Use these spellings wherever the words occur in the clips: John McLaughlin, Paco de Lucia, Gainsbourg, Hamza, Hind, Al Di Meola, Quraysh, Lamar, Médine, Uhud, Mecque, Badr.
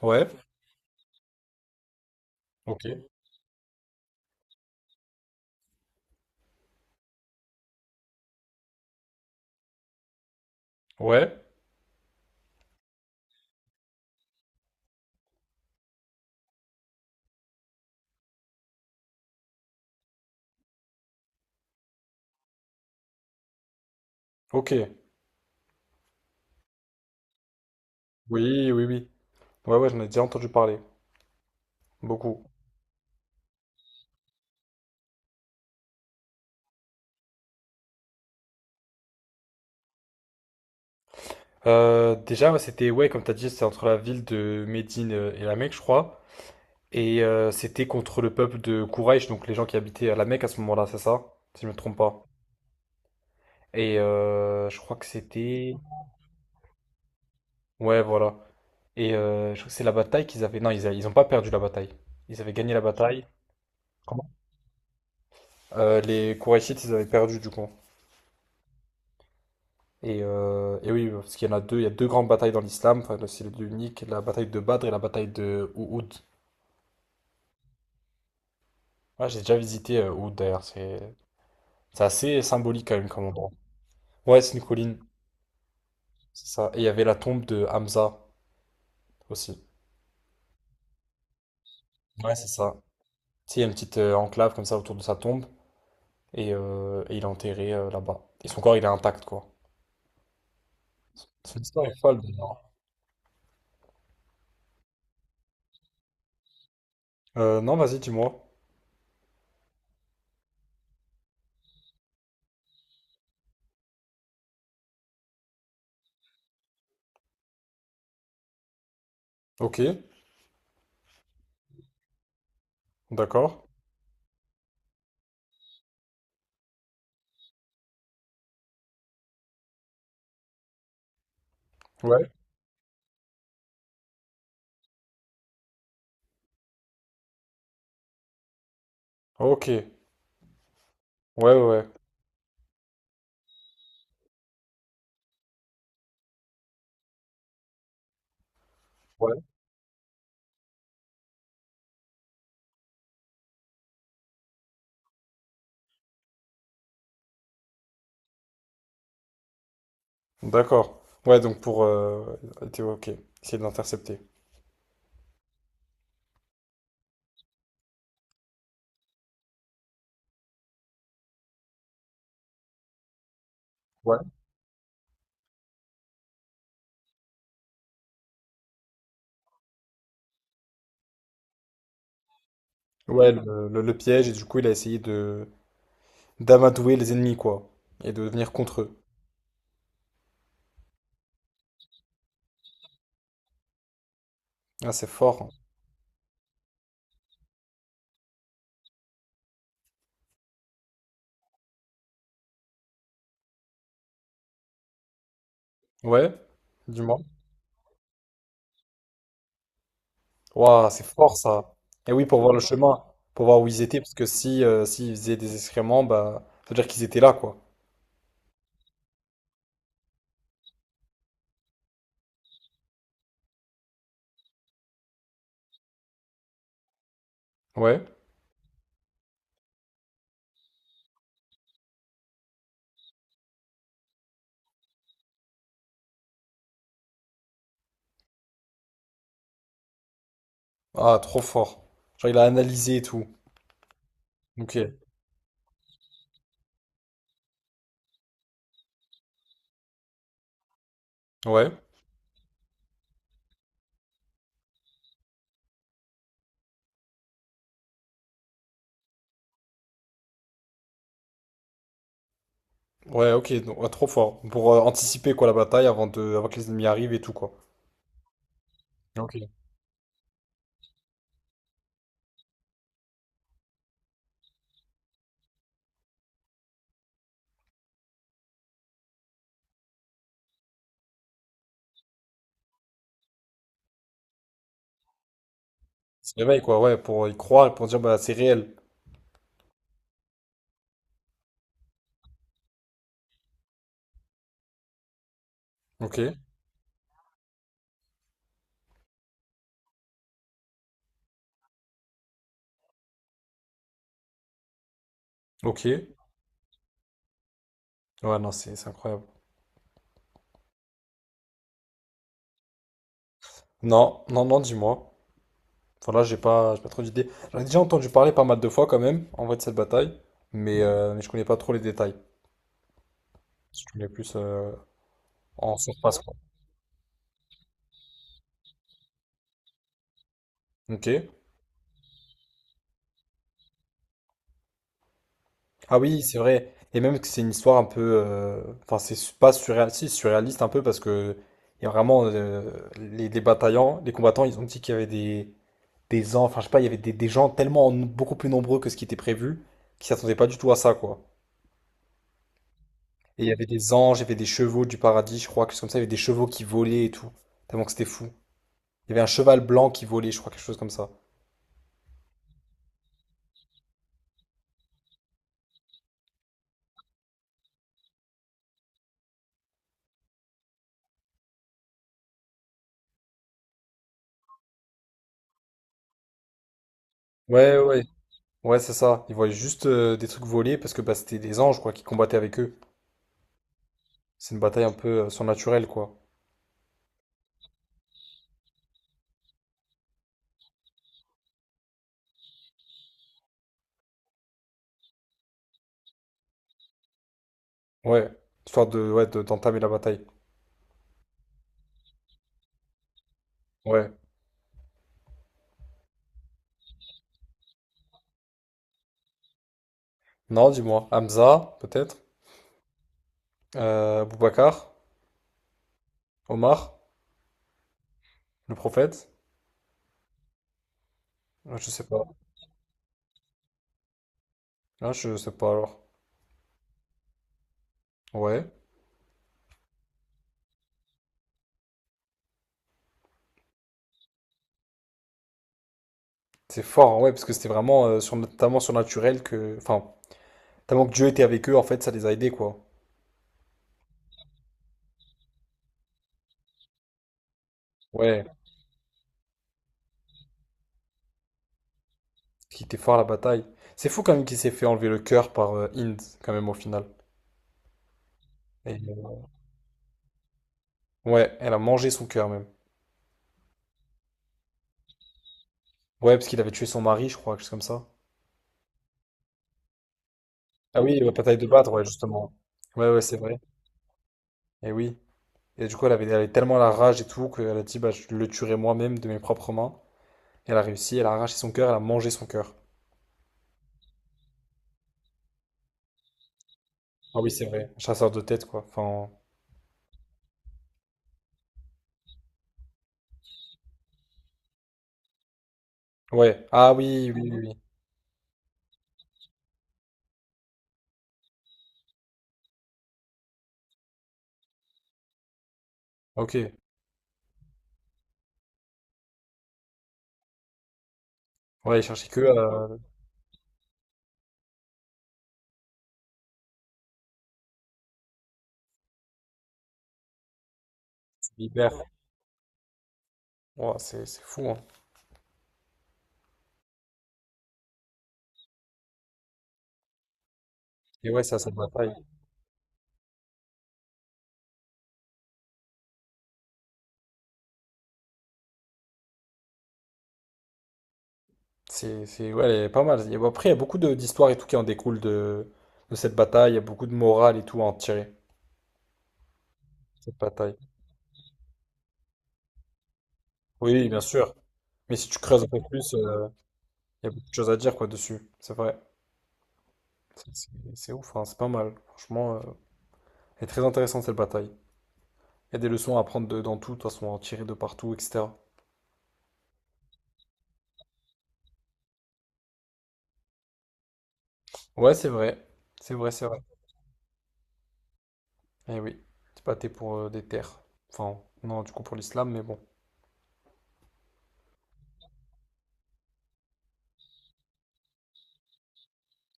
Ouais, ok. Ouais, ok. Oui, oui, oui. Ouais, ouais, j'en ai déjà entendu parler. Beaucoup. Déjà, ouais, c'était, ouais, comme t'as dit, c'était entre la ville de Médine et la Mecque, je crois. Et c'était contre le peuple de Quraysh, donc les gens qui habitaient à la Mecque à ce moment-là, c'est ça? Si je me trompe pas. Et je crois que c'était... Ouais, voilà. Et je crois que c'est la bataille qu'ils avaient... Non, ils, ils ont pas perdu la bataille. Ils avaient gagné la bataille. Comment? Les Qurayshites, ils avaient perdu, du coup. Et oui, parce qu'il y en a deux, il y a deux grandes batailles dans l'islam, enfin, c'est les deux uniques, la bataille de Badr et la bataille de Uhud. Ouais, j'ai déjà visité Uhud d'ailleurs, c'est assez symbolique quand même comme endroit. Ouais, c'est une colline, c'est ça. Et il y avait la tombe de Hamza aussi. Ouais, c'est ça. Tu sais, il y a une petite enclave comme ça autour de sa tombe, et il est enterré là-bas. Et son corps, il est intact, quoi. Son histoire est folle d'ailleurs. Non, vas-y, dis-moi. Ok, d'accord. Ouais. Ok, ouais, ouais. Ouais. D'accord. Ouais, donc pour... ok, essayer de l'intercepter. Ouais. Ouais, le, le piège, et du coup, il a essayé de d'amadouer les ennemis, quoi. Et de venir contre eux. Ah, c'est fort. Ouais, dis-moi. Waouh, c'est fort, ça. Et oui, pour voir le chemin, pour voir où ils étaient, parce que si, s'ils faisaient des excréments, bah, ça veut dire qu'ils étaient là, quoi. Ouais. Ah, trop fort. Genre, il a analysé et tout. Ok. Ouais. Ouais, ok, donc, ouais, trop fort. Pour anticiper, quoi, la bataille avant de, avant que les ennemis arrivent et tout, quoi. Se réveille quoi, ouais, pour y croire, pour dire, bah, c'est réel. Ok, ok. Ouais, non, c'est incroyable. Non, non, non, dis-moi. Voilà, j'ai pas trop d'idées. J'en ai déjà entendu parler pas mal de fois, quand même, en vrai, de cette bataille, mais je connais pas trop les détails. Je connais plus en surface, quoi. Ok. Ah oui, c'est vrai. Et même que c'est une histoire un peu. Enfin, c'est pas surréaliste, si, surréaliste un peu, parce que. Il y a vraiment. Les bataillants, les combattants, ils ont dit qu'il y avait des. Des enfants, enfin, je sais pas, il y avait des gens tellement beaucoup plus nombreux que ce qui était prévu, qui s'attendaient pas du tout à ça, quoi. Et il y avait des anges, il y avait des chevaux du paradis, je crois, quelque chose comme ça, il y avait des chevaux qui volaient et tout. Tellement que c'était fou. Il y avait un cheval blanc qui volait, je crois, quelque chose comme ça. Ouais, ouais. Ouais, c'est ça. Ils voyaient juste des trucs voler parce que bah, c'était des anges, quoi, qui combattaient avec eux. C'est une bataille un peu surnaturelle, quoi. Ouais. Histoire de, ouais, d'entamer la bataille. Ouais. Non, dis-moi. Hamza, peut-être. Boubacar. Omar. Le prophète. Je sais pas. Ah, je sais pas alors. Ouais. C'est fort, hein, ouais, parce que c'était vraiment sur, notamment surnaturel que. Enfin, tellement que Dieu était avec eux, en fait, ça les a aidés, quoi. Ouais. Qui était fort à la bataille. C'est fou quand même qu'il s'est fait enlever le cœur par Hind, quand même, au final. Et, ouais, elle a mangé son cœur même. Ouais, parce qu'il avait tué son mari, je crois, quelque chose comme ça. Ah oui, la bataille de Badr, ouais, justement. Ouais, ouais, c'est vrai. Et oui. Et du coup, elle avait tellement la rage et tout qu'elle a dit, bah, je le tuerai moi-même de mes propres mains. Et elle a réussi, elle a arraché son cœur, elle a mangé son cœur. Ah oui, c'est vrai. Chasseur de tête, quoi. Enfin, ouais. Ah oui, oui, oui. Oui. Ok. Ouais, il cherchait que libère. Ouah, c'est fou, hein. Et ouais, ça, cette bataille. C'est, ouais, elle est pas mal. Il y a- Après, il y a beaucoup d'histoires et tout qui en découlent de cette bataille. Il y a beaucoup de morale et tout à en tirer, cette bataille. Oui, bien sûr. Mais si tu creuses un peu plus, il y a beaucoup de choses à dire, quoi, dessus. C'est vrai. C'est ouf, hein. C'est pas mal. Franchement, elle est très intéressante, cette bataille. Il y a des leçons à prendre dans tout, de toute façon, à en tirer de partout, etc. Ouais, c'est vrai. C'est vrai, c'est vrai. Eh oui. C'est pas t'es pour des terres. Enfin, non, du coup pour l'islam, mais bon.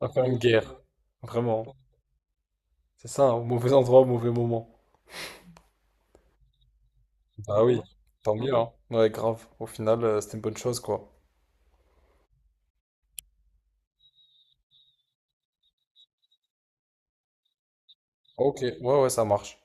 On va faire une guerre, vraiment. C'est ça, hein, au mauvais endroit, au mauvais moment. Bah oui, tant mieux, hein. Ouais, grave. Au final, c'était une bonne chose, quoi. Ok, ouais, ouais, ça marche.